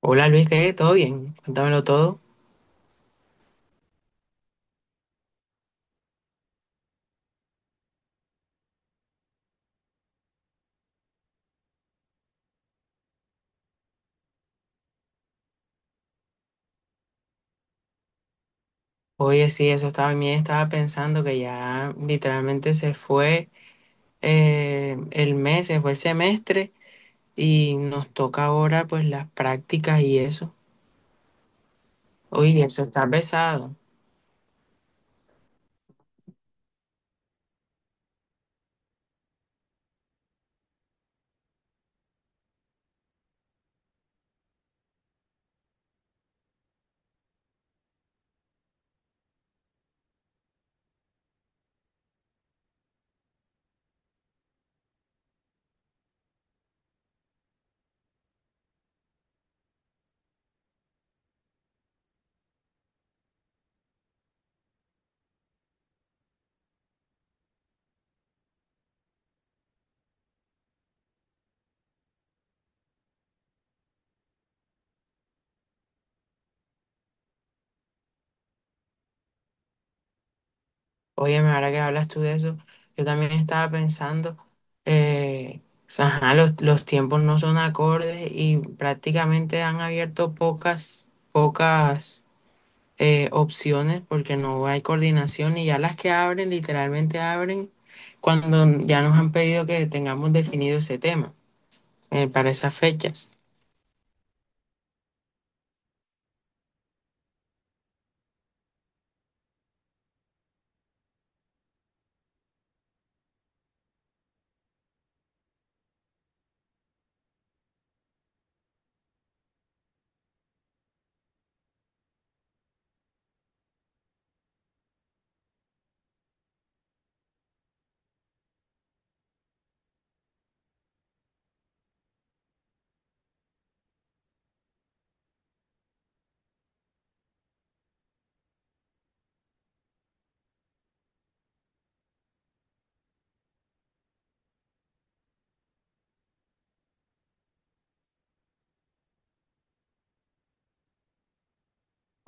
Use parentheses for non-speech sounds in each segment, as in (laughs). Hola Luis, ¿qué? ¿Todo bien? Cuéntamelo todo. Oye, sí, también estaba pensando que ya literalmente se fue el mes, se fue el semestre y nos toca ahora pues las prácticas y eso. Oye, eso está pesado. Oye, ahora que hablas tú de eso, yo también estaba pensando, eh, ajá, los tiempos no son acordes y prácticamente han abierto pocas, pocas. Opciones porque no hay coordinación y ya las que abren, literalmente abren cuando ya nos han pedido que tengamos definido ese tema para esas fechas.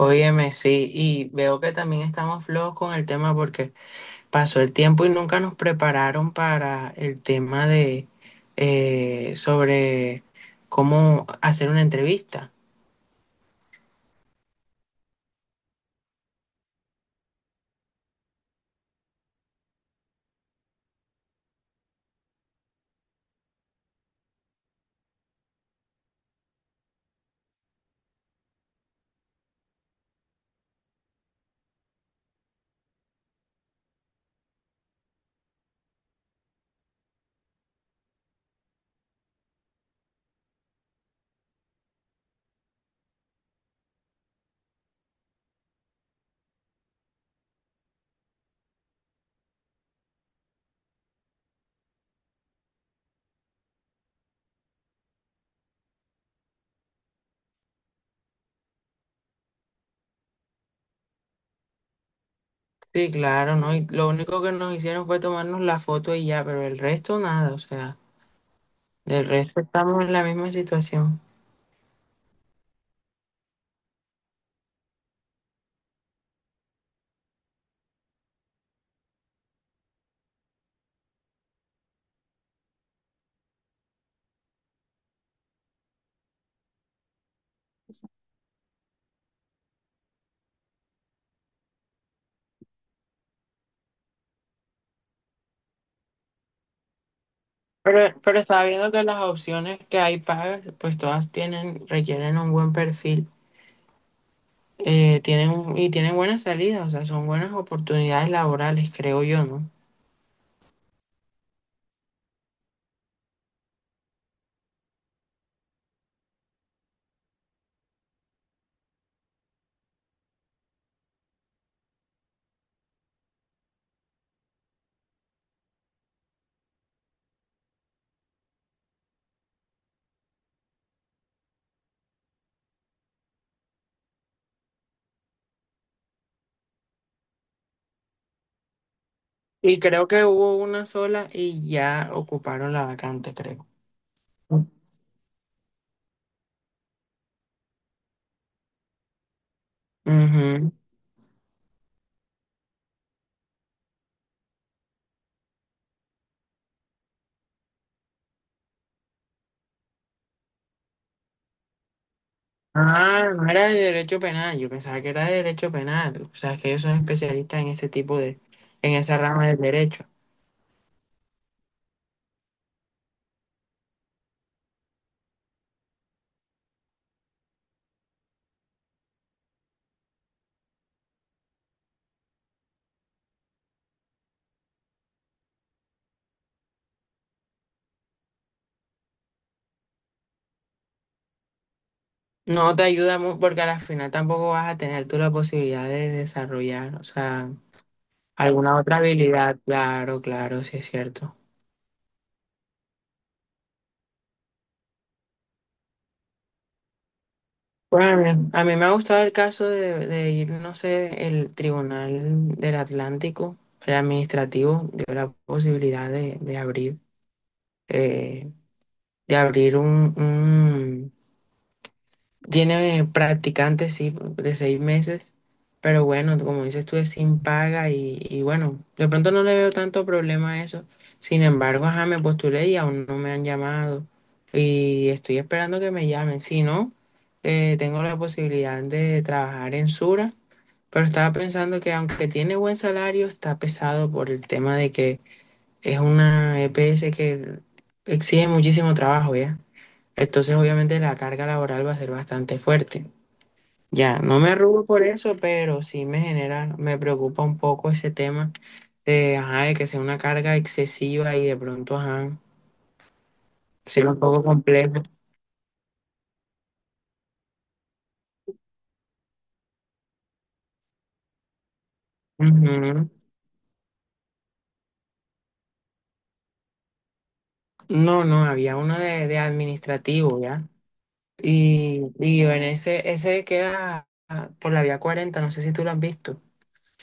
Óyeme, sí, y veo que también estamos flojos con el tema porque pasó el tiempo y nunca nos prepararon para el tema de sobre cómo hacer una entrevista. Sí, claro, ¿no? Y lo único que nos hicieron fue tomarnos la foto y ya, pero el resto nada, o sea. Del resto estamos en la misma situación. Pero estaba viendo que las opciones que hay pagas, pues todas tienen, requieren un buen perfil, y tienen buenas salidas, o sea, son buenas oportunidades laborales, creo yo, ¿no? Y creo que hubo una sola y ya ocuparon la vacante, creo. Ujú. Ah, no era de derecho penal, yo pensaba que era de derecho penal, o sea, es que ellos son especialistas en ese tipo de, en esa rama del derecho. No te ayuda mucho porque al final tampoco vas a tener tú la posibilidad de desarrollar, o sea, alguna otra habilidad, claro, claro, sí es cierto. Bueno, a mí me ha gustado el caso de ir, no sé, el Tribunal del Atlántico, el administrativo, dio la posibilidad eh, de abrir Tiene practicantes, sí, de 6 meses, pero bueno, como dices tú, es sin paga y bueno, de pronto no le veo tanto problema a eso. Sin embargo, ajá, me postulé y aún no me han llamado y estoy esperando que me llamen. Si no, tengo la posibilidad de trabajar en Sura, pero estaba pensando que aunque tiene buen salario, está pesado por el tema de que es una EPS que exige muchísimo trabajo, ¿ya? Entonces, obviamente, la carga laboral va a ser bastante fuerte. Ya, no me arrugo por eso, pero sí me genera, me preocupa un poco ese tema de, ajá, de que sea una carga excesiva y de pronto, ajá, ser un poco complejo. Ujú. No, no, había uno de administrativo, ¿ya? Y en ese queda por la Vía 40, no sé si tú lo has visto,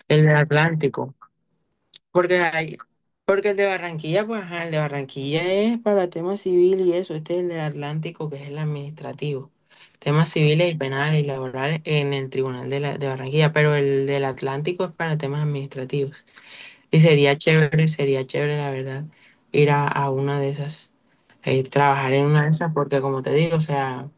el del Atlántico. Porque hay, porque el de Barranquilla, pues ajá, el de Barranquilla es para tema civil y eso, este es el del Atlántico, que es el administrativo. Temas civiles y penales y laborales en el Tribunal de Barranquilla, pero el del Atlántico es para temas administrativos. Y sería chévere, la verdad, ir a una de esas, trabajar en una de esas, porque como te digo, o sea,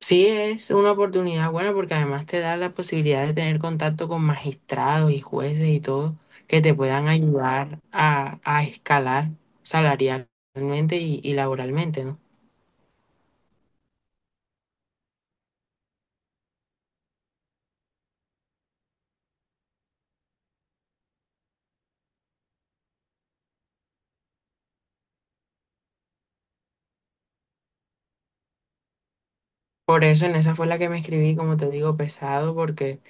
Sí, es una oportunidad buena porque además te da la posibilidad de tener contacto con magistrados y jueces y todo que te puedan ayudar a escalar salarialmente y laboralmente, ¿no? Por eso en esa fue la que me escribí, como te digo, pesado porque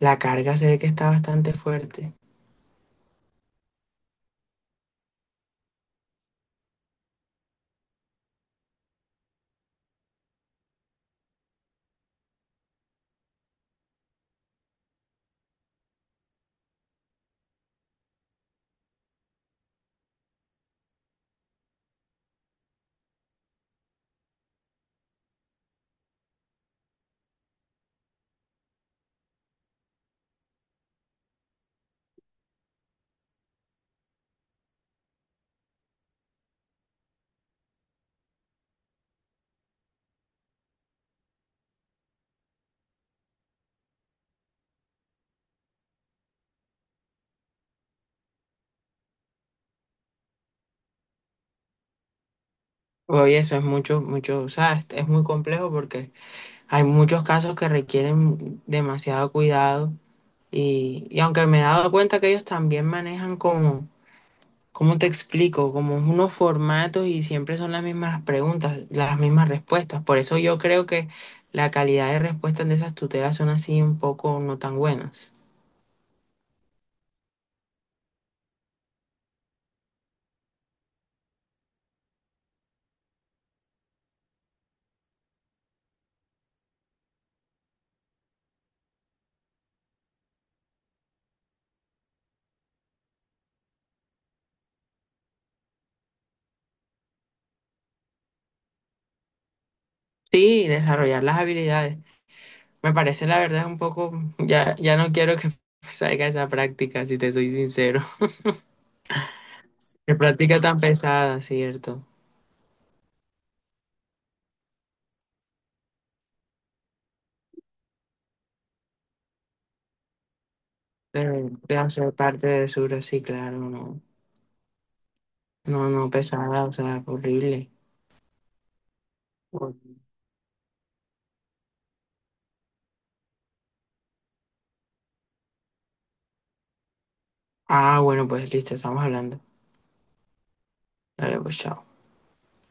la carga se ve que está bastante fuerte. Oye, eso es mucho, mucho, o sea, es muy complejo porque hay muchos casos que requieren demasiado cuidado y aunque me he dado cuenta que ellos también manejan como ¿Cómo te explico? Como unos formatos y siempre son las mismas preguntas, las mismas respuestas. Por eso yo creo que la calidad de respuestas de esas tutelas son así un poco no tan buenas. Sí, desarrollar las habilidades. Me parece la verdad un poco, ya, ya no quiero que (laughs) salga esa práctica, si te soy sincero. (laughs) Qué práctica tan pesada, ¿cierto? De hacer parte de Sura, sí, claro, no. No, no, pesada, o sea, horrible. Ah, bueno, pues listo, estamos hablando. Dale, pues chao.